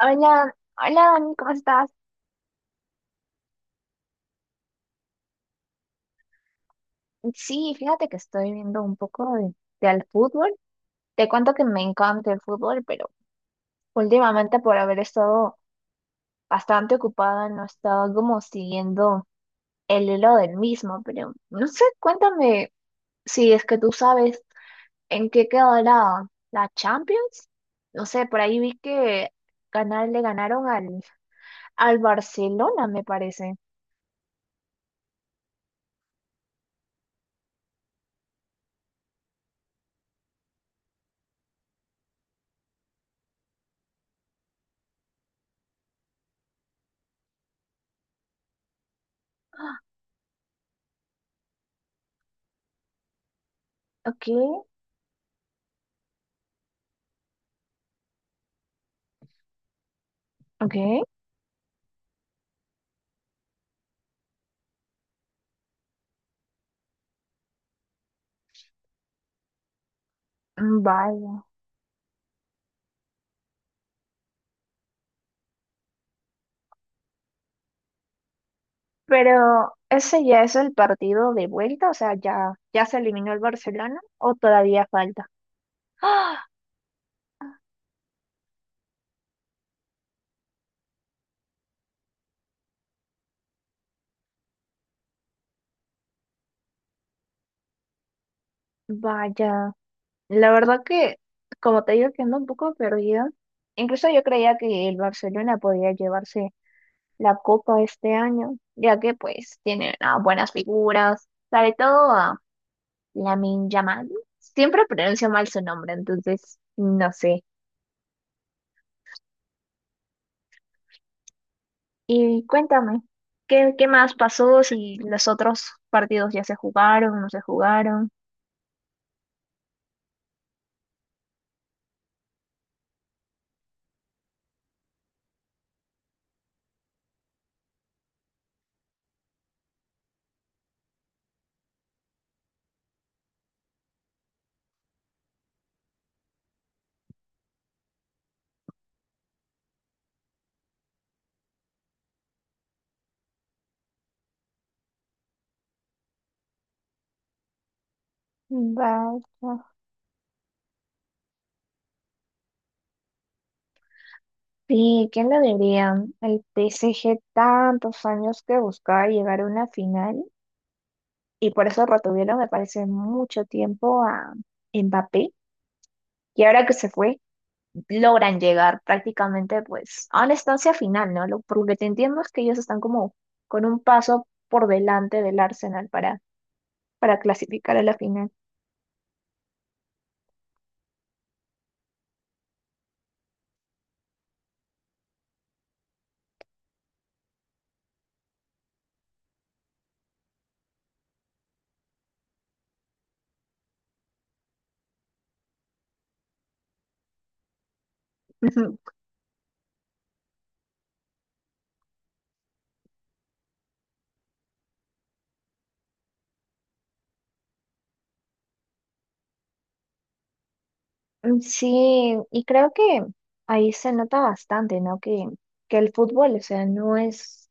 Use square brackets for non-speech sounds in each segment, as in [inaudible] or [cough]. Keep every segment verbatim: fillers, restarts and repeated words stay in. Hola, hola Dani, ¿cómo estás? Sí, fíjate que estoy viendo un poco de, de al fútbol. Te cuento que me encanta el fútbol, pero últimamente por haber estado bastante ocupada no he estado como siguiendo el hilo del mismo, pero no sé, cuéntame si es que tú sabes en qué quedó la, la Champions. No sé, por ahí vi que ganar, le ganaron al, al Barcelona, me parece. Ok, ok, mm, vale. Pero ese ya es el partido de vuelta, o sea, ya, ya se eliminó el Barcelona o todavía falta. ¡Ah! Vaya, la verdad que, como te digo, que ando un poco perdida. Incluso yo creía que el Barcelona podía llevarse la copa este año, ya que pues tiene ah, buenas figuras, sobre todo a Lamine Yamal. Siempre pronuncio mal su nombre, entonces no sé. Y cuéntame, ¿qué, qué más pasó si los otros partidos ya se jugaron, no se jugaron? Vaya. Sí, ¿quién lo diría? El P S G tantos años que buscaba llegar a una final y por eso retuvieron, me parece, mucho tiempo a Mbappé. Y ahora que se fue, logran llegar prácticamente pues a una estancia final, ¿no? Lo, por lo que entiendo es que ellos están como con un paso por delante del Arsenal para, para clasificar a la final. [laughs] Mm, sí, y creo que ahí se nota bastante, ¿no? Que, que el fútbol, o sea, no es,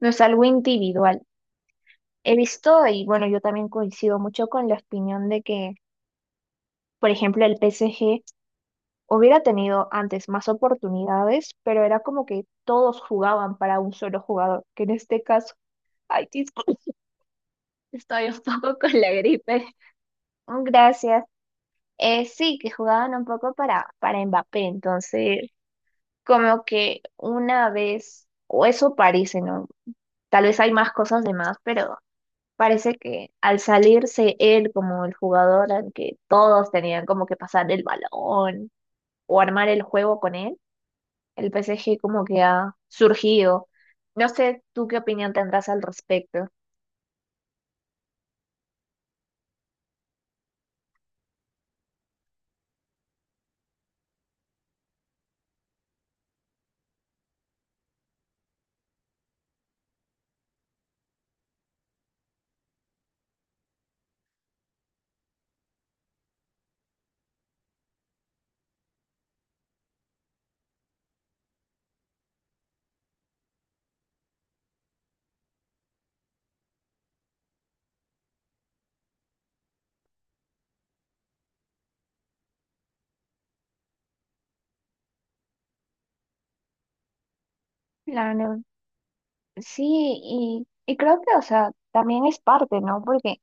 no es algo individual. He visto, y bueno, yo también coincido mucho con la opinión de que, por ejemplo, el P S G hubiera tenido antes más oportunidades, pero era como que todos jugaban para un solo jugador, que en este caso, ay, disculpe, [laughs] estoy un poco con la gripe. Gracias. Eh, sí, que jugaban un poco para, para Mbappé, entonces, como que una vez, o eso parece, ¿no? Tal vez hay más cosas de más, pero parece que al salirse él como el jugador al que todos tenían como que pasar el balón o armar el juego con él, el P S G como que ha surgido. No sé tú qué opinión tendrás al respecto. Claro, sí, y, y creo que, o sea, también es parte, ¿no? Porque,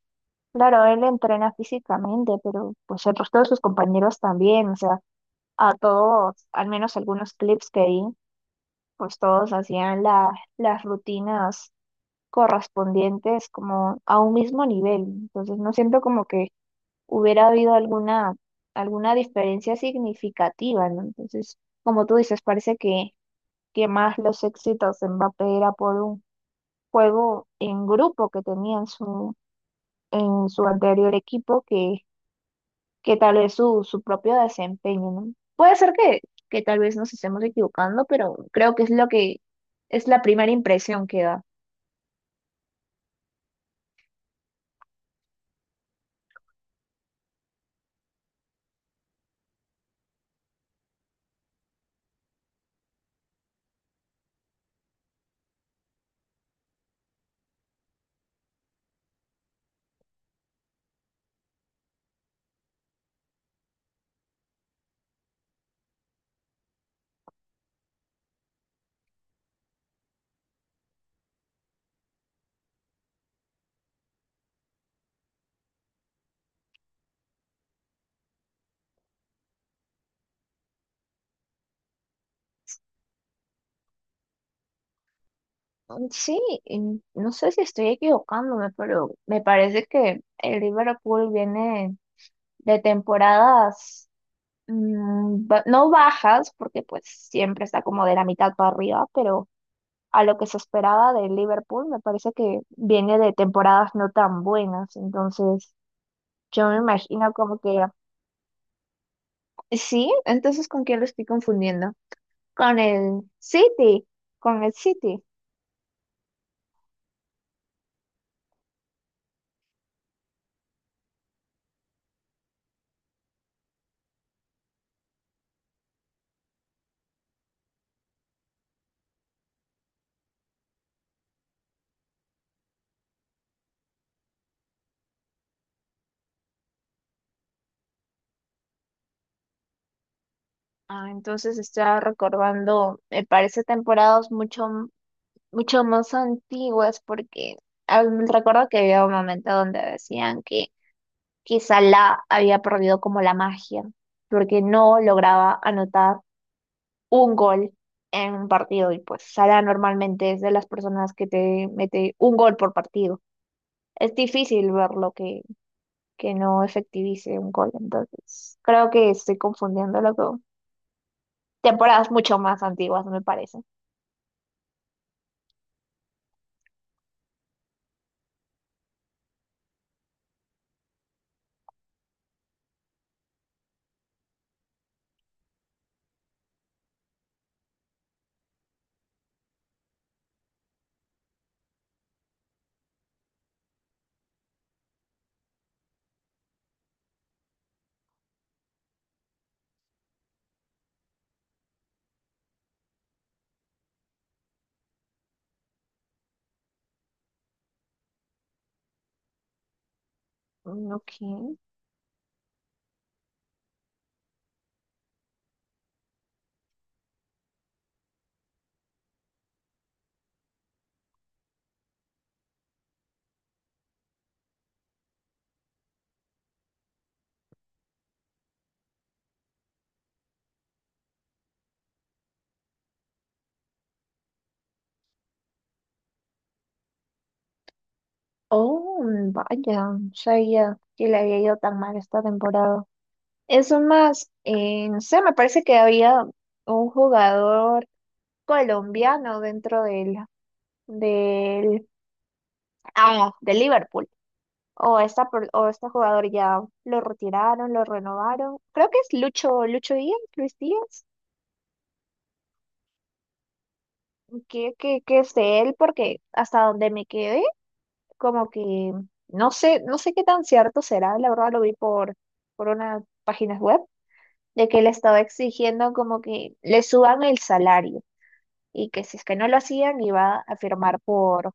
claro, él entrena físicamente, pero pues el resto de sus compañeros también, o sea, a todos, al menos algunos clips que vi, pues todos hacían la- las rutinas correspondientes como a un mismo nivel. Entonces no siento como que hubiera habido alguna, alguna diferencia significativa, ¿no? Entonces, como tú dices, parece que, que más los éxitos de Mbappé era por un juego en grupo que tenía en su, en su anterior equipo que que tal vez su, su propio desempeño, ¿no? Puede ser que, que tal vez nos estemos equivocando, pero creo que es lo que es la primera impresión que da. Mm, sí, y no sé si estoy equivocándome, pero me parece que el Liverpool viene de temporadas mm, ba- no bajas, porque pues siempre está como de la mitad para arriba, pero a lo que se esperaba del Liverpool me parece que viene de temporadas no tan buenas, entonces yo me imagino como que sí, entonces ¿con quién lo estoy confundiendo? Con el City, con el City. Ah, entonces estaba recordando, me parece temporadas mucho, m- mucho más antiguas porque ah, recuerdo que había un momento donde decían que quizá la había perdido como la magia porque no lograba anotar un gol en un partido y pues Salah normalmente es de las personas que te mete un gol por partido. Es difícil ver lo que que no efectivice un gol. Entonces, creo que estoy confundiéndolo con temporadas mucho más antiguas, me parece. Mm, ok. Oh, vaya, no sabía que le había ido tan mal esta temporada. Eso más, eh, no sé, me parece que había un jugador colombiano dentro del, del, ah, del Liverpool. O esta, per- o este jugador ya lo retiraron, lo renovaron. Creo que es Lucho, Lucho Díaz, Luis Díaz. que, que, que es él, porque hasta donde me quedé, como que no sé, no sé qué tan cierto será, la verdad lo vi por, por unas páginas web, de que le estaba exigiendo como que le suban el salario y que si es que no lo hacían iba a firmar por,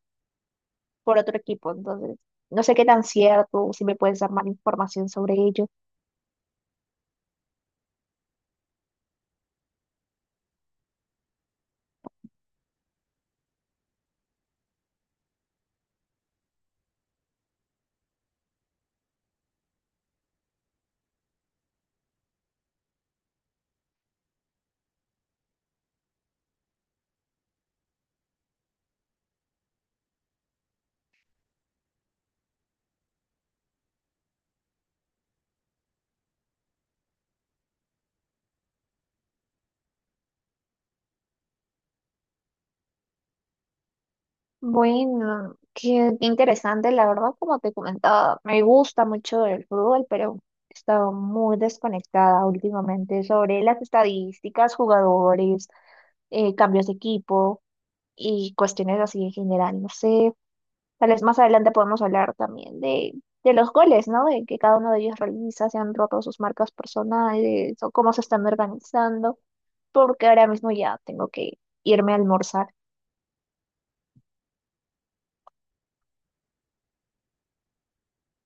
por otro equipo. Entonces, no sé qué tan cierto, si me puedes dar más información sobre ello. Bueno, qué qué interesante, la verdad, como te comentaba, me gusta mucho el fútbol, pero he estado muy desconectada últimamente sobre las estadísticas, jugadores, eh, cambios de equipo y cuestiones así en general. No sé, tal vez más adelante podemos hablar también de, de los goles, ¿no? De que cada uno de ellos realiza, se han roto sus marcas personales o cómo se están organizando, porque ahora mismo ya tengo que irme a almorzar.